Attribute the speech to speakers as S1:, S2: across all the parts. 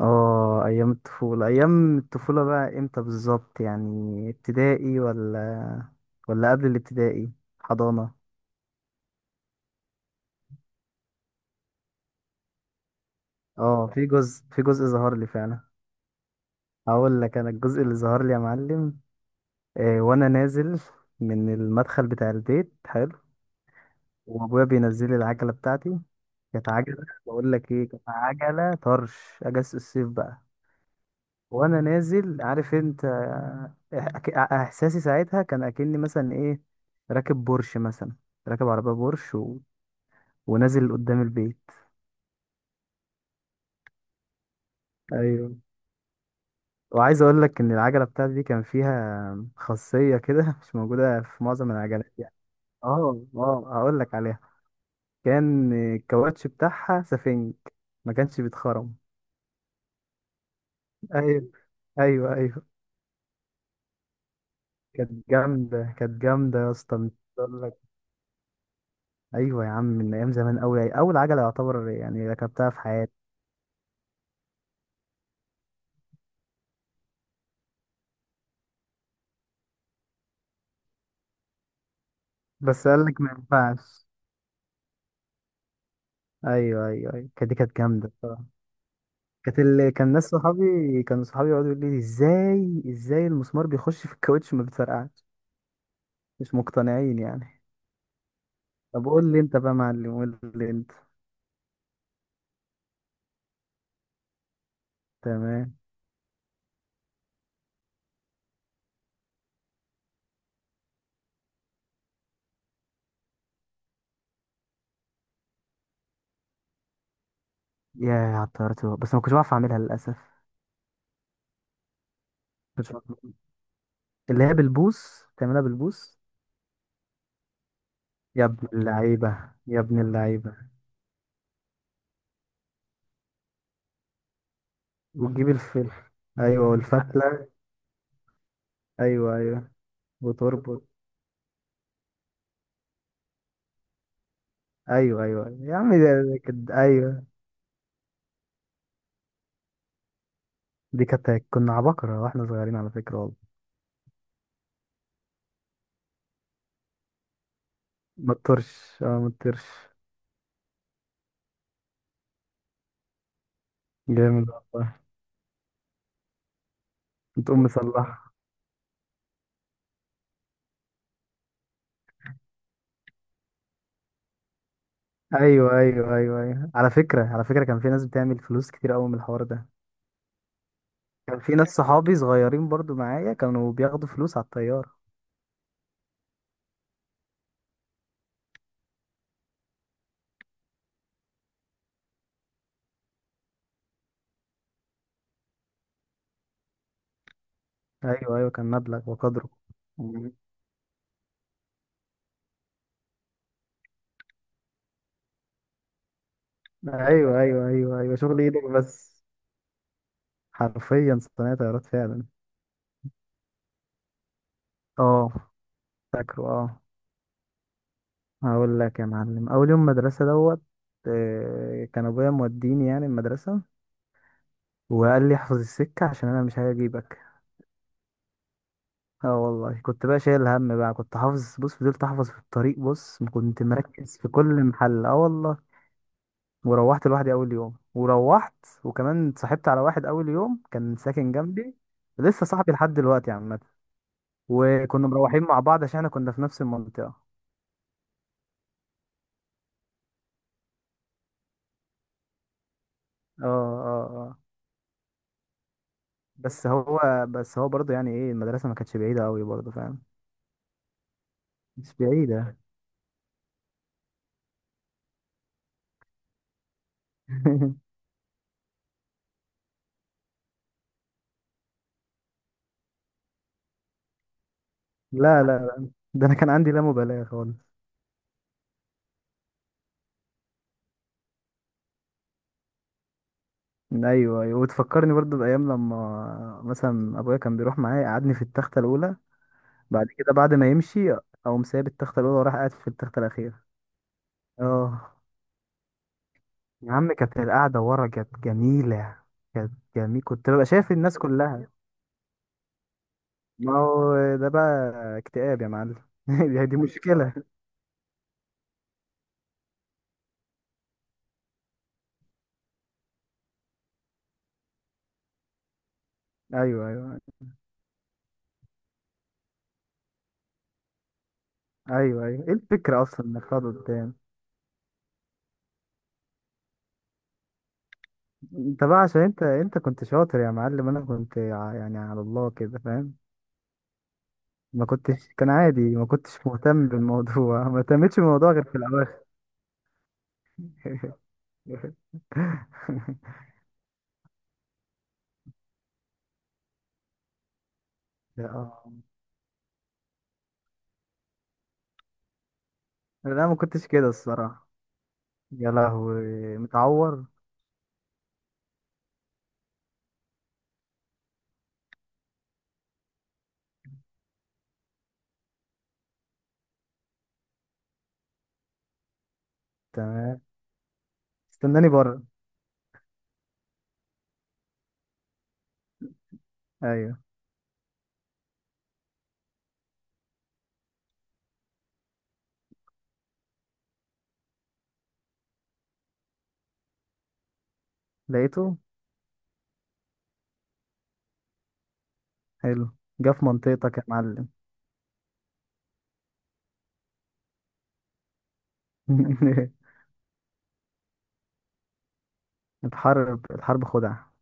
S1: اه، ايام الطفولة. بقى امتى بالظبط؟ يعني ابتدائي ولا قبل الابتدائي؟ حضانة. اه، في جزء ظهر لي فعلا. هقول لك انا الجزء اللي ظهر لي يا معلم. وانا نازل من المدخل بتاع البيت حلو. وابويا بينزل لي العجلة بتاعتي. كانت عجلة بقول لك ايه، كانت عجلة طرش. اجازة الصيف بقى وانا نازل عارف انت، احساسي ساعتها كان اكني مثلا ايه، راكب بورش مثلا راكب عربيه بورش ونازل قدام البيت. ايوه. وعايز اقول لك ان العجله بتاعتي دي كان فيها خاصيه كده مش موجوده في معظم العجلات يعني. اه اه، هقول لك عليها. كان الكاوتش بتاعها سفنج، ما كانش بيتخرم. ايوه ايوه ايوه، كانت جامده، كانت جامده يا اسطى. ايوه يا عم، من ايام زمان قوي، اول عجله يعتبر يعني ركبتها في حياتي. بس قال لك ما ينفعش. ايوه ايوه ايوه، كانت جامده بصراحه. كانت اللي كان ناس صحابي كانوا صحابي يقعدوا يقولوا لي ازاي المسمار بيخش في الكاوتش ما بيتفرقعش، مش مقتنعين يعني. طب قول لي انت بقى يا معلم، قول لي انت. تمام. يا على الطيارة، بس ما كنتش بعرف اعملها للاسف. كنتش بعرف أعملها. اللي هي بالبوص، تعملها بالبوص. يا ابن اللعيبه يا ابن اللعيبه. وتجيب الفلفل. ايوه، والفتله. ايوه ايوه، وتربط. ايوه ايوه أيوه. يا عم ده كانت ايوه. دي كانت كنا عباقرة واحنا صغيرين على فكرة والله. ما تطرش، ما تطرش. جامد والله. بتقوم مصلحة. ايوه ايوه ايوه ايوه، على فكرة على فكرة كان في ناس بتعمل فلوس كتير قوي من الحوار ده. كان في ناس صحابي صغيرين برضو معايا، كانوا بياخدوا فلوس على الطيارة. ايوه ايوه، كان مبلغ وقدره. مم. ايوه ايوه ايوه ايوه، شغل ايدك بس. حرفيا صناعة طيارات فعلا. اه، فاكره اه. هقول لك يا معلم اول يوم مدرسه دوت. كان ابويا موديني يعني المدرسه، وقال لي احفظ السكه عشان انا مش هجيبك. اه والله، كنت بقى شايل هم بقى، كنت حافظ بص، فضلت احفظ في الطريق بص، ما كنت مركز في كل محل، اه والله. وروحت لوحدي اول يوم وروحت. وكمان اتصاحبت على واحد اول يوم كان ساكن جنبي. لسه صاحبي لحد دلوقتي عامه. وكنا مروحين مع بعض عشان احنا كنا في نفس المنطقه. اه. اه. اه. بس هو بس هو برضه يعني ايه، المدرسه ما كانتش بعيده قوي برضه فاهم. مش بعيدة. لا لا لا، ده انا كان عندي لا مبالاة خالص. ايوه ايوه. وتفكرني برضه بايام لما مثلا ابويا كان بيروح معايا يقعدني في التخته الاولى. بعد كده بعد ما يمشي، اقوم سايب التخته الاولى وراح قاعد في التخته الاخيره. اه. يا عم كانت القعده ورا كانت جميله. كانت جميل، كنت ببقى شايف الناس كلها. ما هو ده بقى اكتئاب يا معلم. دي مشكله. ايوه ايوه ايوه ايوه، ايه الفكره اصلا انك تقعد قدام. انت بقى عشان انت كنت شاطر يا معلم، انا كنت يعني على الله كده فاهم. ما كنتش، كان عادي، ما كنتش مهتم بالموضوع ما اهتمتش بالموضوع غير في الاواخر. لا آه. لا، ما كنتش كده الصراحة. يا لهوي متعور. تمام. استناني بره. ايوه. لقيته. حلو. جه في منطقتك يا معلم. الحرب الحرب خدعة.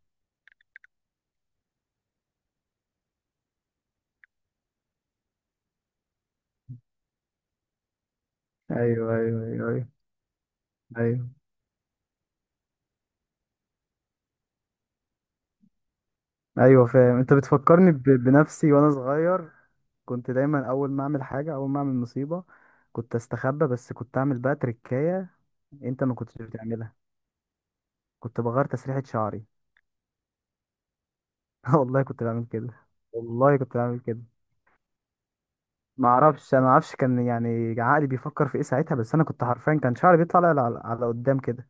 S1: ايوه ايوه ايوه ايوه ايوه، فاهم. انت بتفكرني بنفسي وانا صغير. كنت دايما اول ما اعمل حاجه، اول ما اعمل مصيبه، كنت استخبى. بس كنت اعمل بقى تريكايه. انت ما كنتش بتعملها. كنت بغير تسريحه شعري. والله كنت بعمل كده. والله كنت بعمل كده. ما اعرفش انا ما اعرفش كان يعني عقلي بيفكر في ايه ساعتها. بس انا كنت حرفيا كان شعري بيطلع على قدام كده.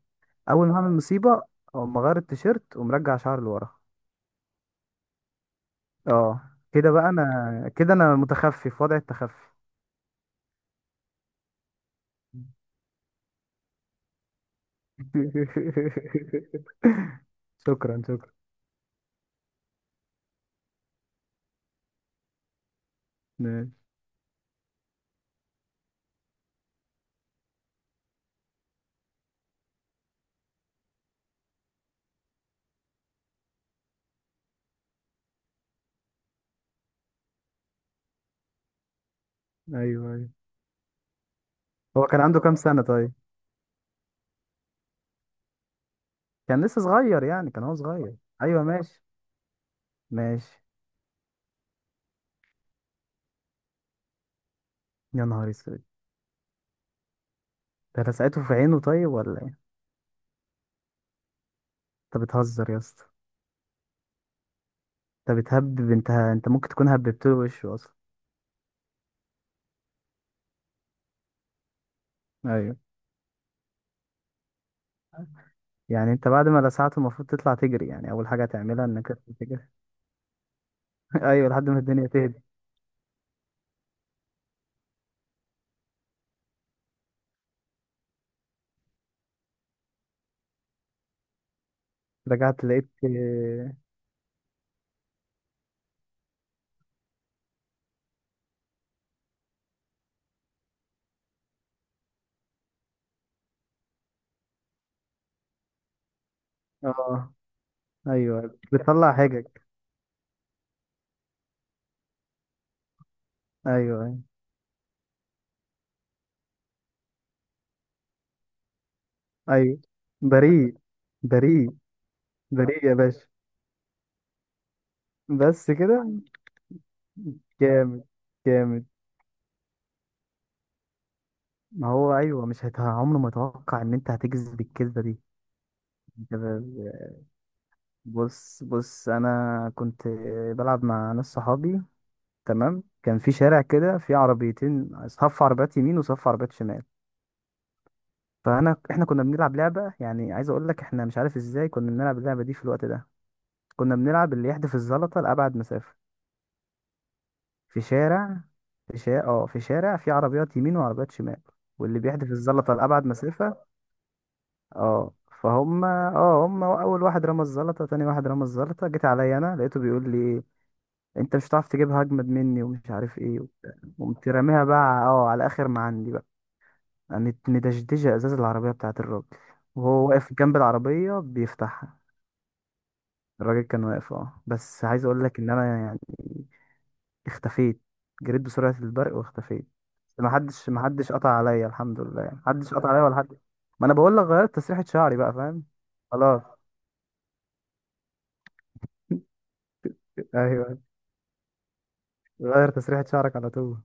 S1: اول ما اعمل مصيبه، او ما اغير التيشيرت ومرجع شعري لورا. اه، كده بقى انا كده انا متخفي في وضع التخفي. شكرا شكرا. ماشي. ايوه ايوه. هو كان عنده كام سنة طيب؟ كان لسه صغير يعني، كان هو صغير. ايوه ماشي. ماشي. يا نهار اسود. ده لسعته في عينه طيب ولا ايه؟ انت بتهزر يا اسطى. انت بتهبب، انت ممكن تكون هببت له وشه اصلا. ايوه. يعني انت بعد ما لسعته المفروض تطلع تجري، يعني اول حاجة هتعملها انك تجري. ايوه، لحد ما الدنيا تهدي. رجعت لقيت. اه. ايوه، بتطلع حاجة. ايوه أيوه. ايوه. بريء. بريء. بريء يا باشا. بس كده. جامد. جامد. ما هو ايوه، مش عمره ما اتوقع ان انت هتجذب الكذبه دي. أنت ب- بص بص انا كنت بلعب مع ناس صحابي. تمام. كان في شارع كده، في عربيتين صف عربيات يمين وصف عربيات شمال. فانا احنا كنا بنلعب لعبه، يعني عايز اقول لك احنا مش عارف ازاي كنا بنلعب اللعبه دي في الوقت ده. كنا بنلعب اللي يحدف الزلطه لابعد مسافه. في شارع في شارع اه في شارع، في عربيات يمين وعربيات شمال. واللي بيحدف الزلطة لأبعد مسافة. اه فهم هم، أول واحد رمى الزلطة، تاني واحد رمى الزلطة، جيت عليا أنا لقيته بيقول لي إيه، أنت مش هتعرف تجيبها، أجمد مني ومش عارف إيه وبتاع. قمت راميها بقى على آخر ما عندي بقى. قامت مدشدشة إزاز العربية بتاعت الراجل، وهو واقف جنب العربية بيفتحها. الراجل كان واقف بس عايز أقول لك إن أنا يعني اختفيت. جريت بسرعة البرق واختفيت. ما حدش قطع عليا الحمد لله، يعني ما حدش قطع عليا ولا حد. ما انا بقول لك غيرت تسريحة شعري بقى فاهم. خلاص. ايوه. غير تسريحة شعرك على طول.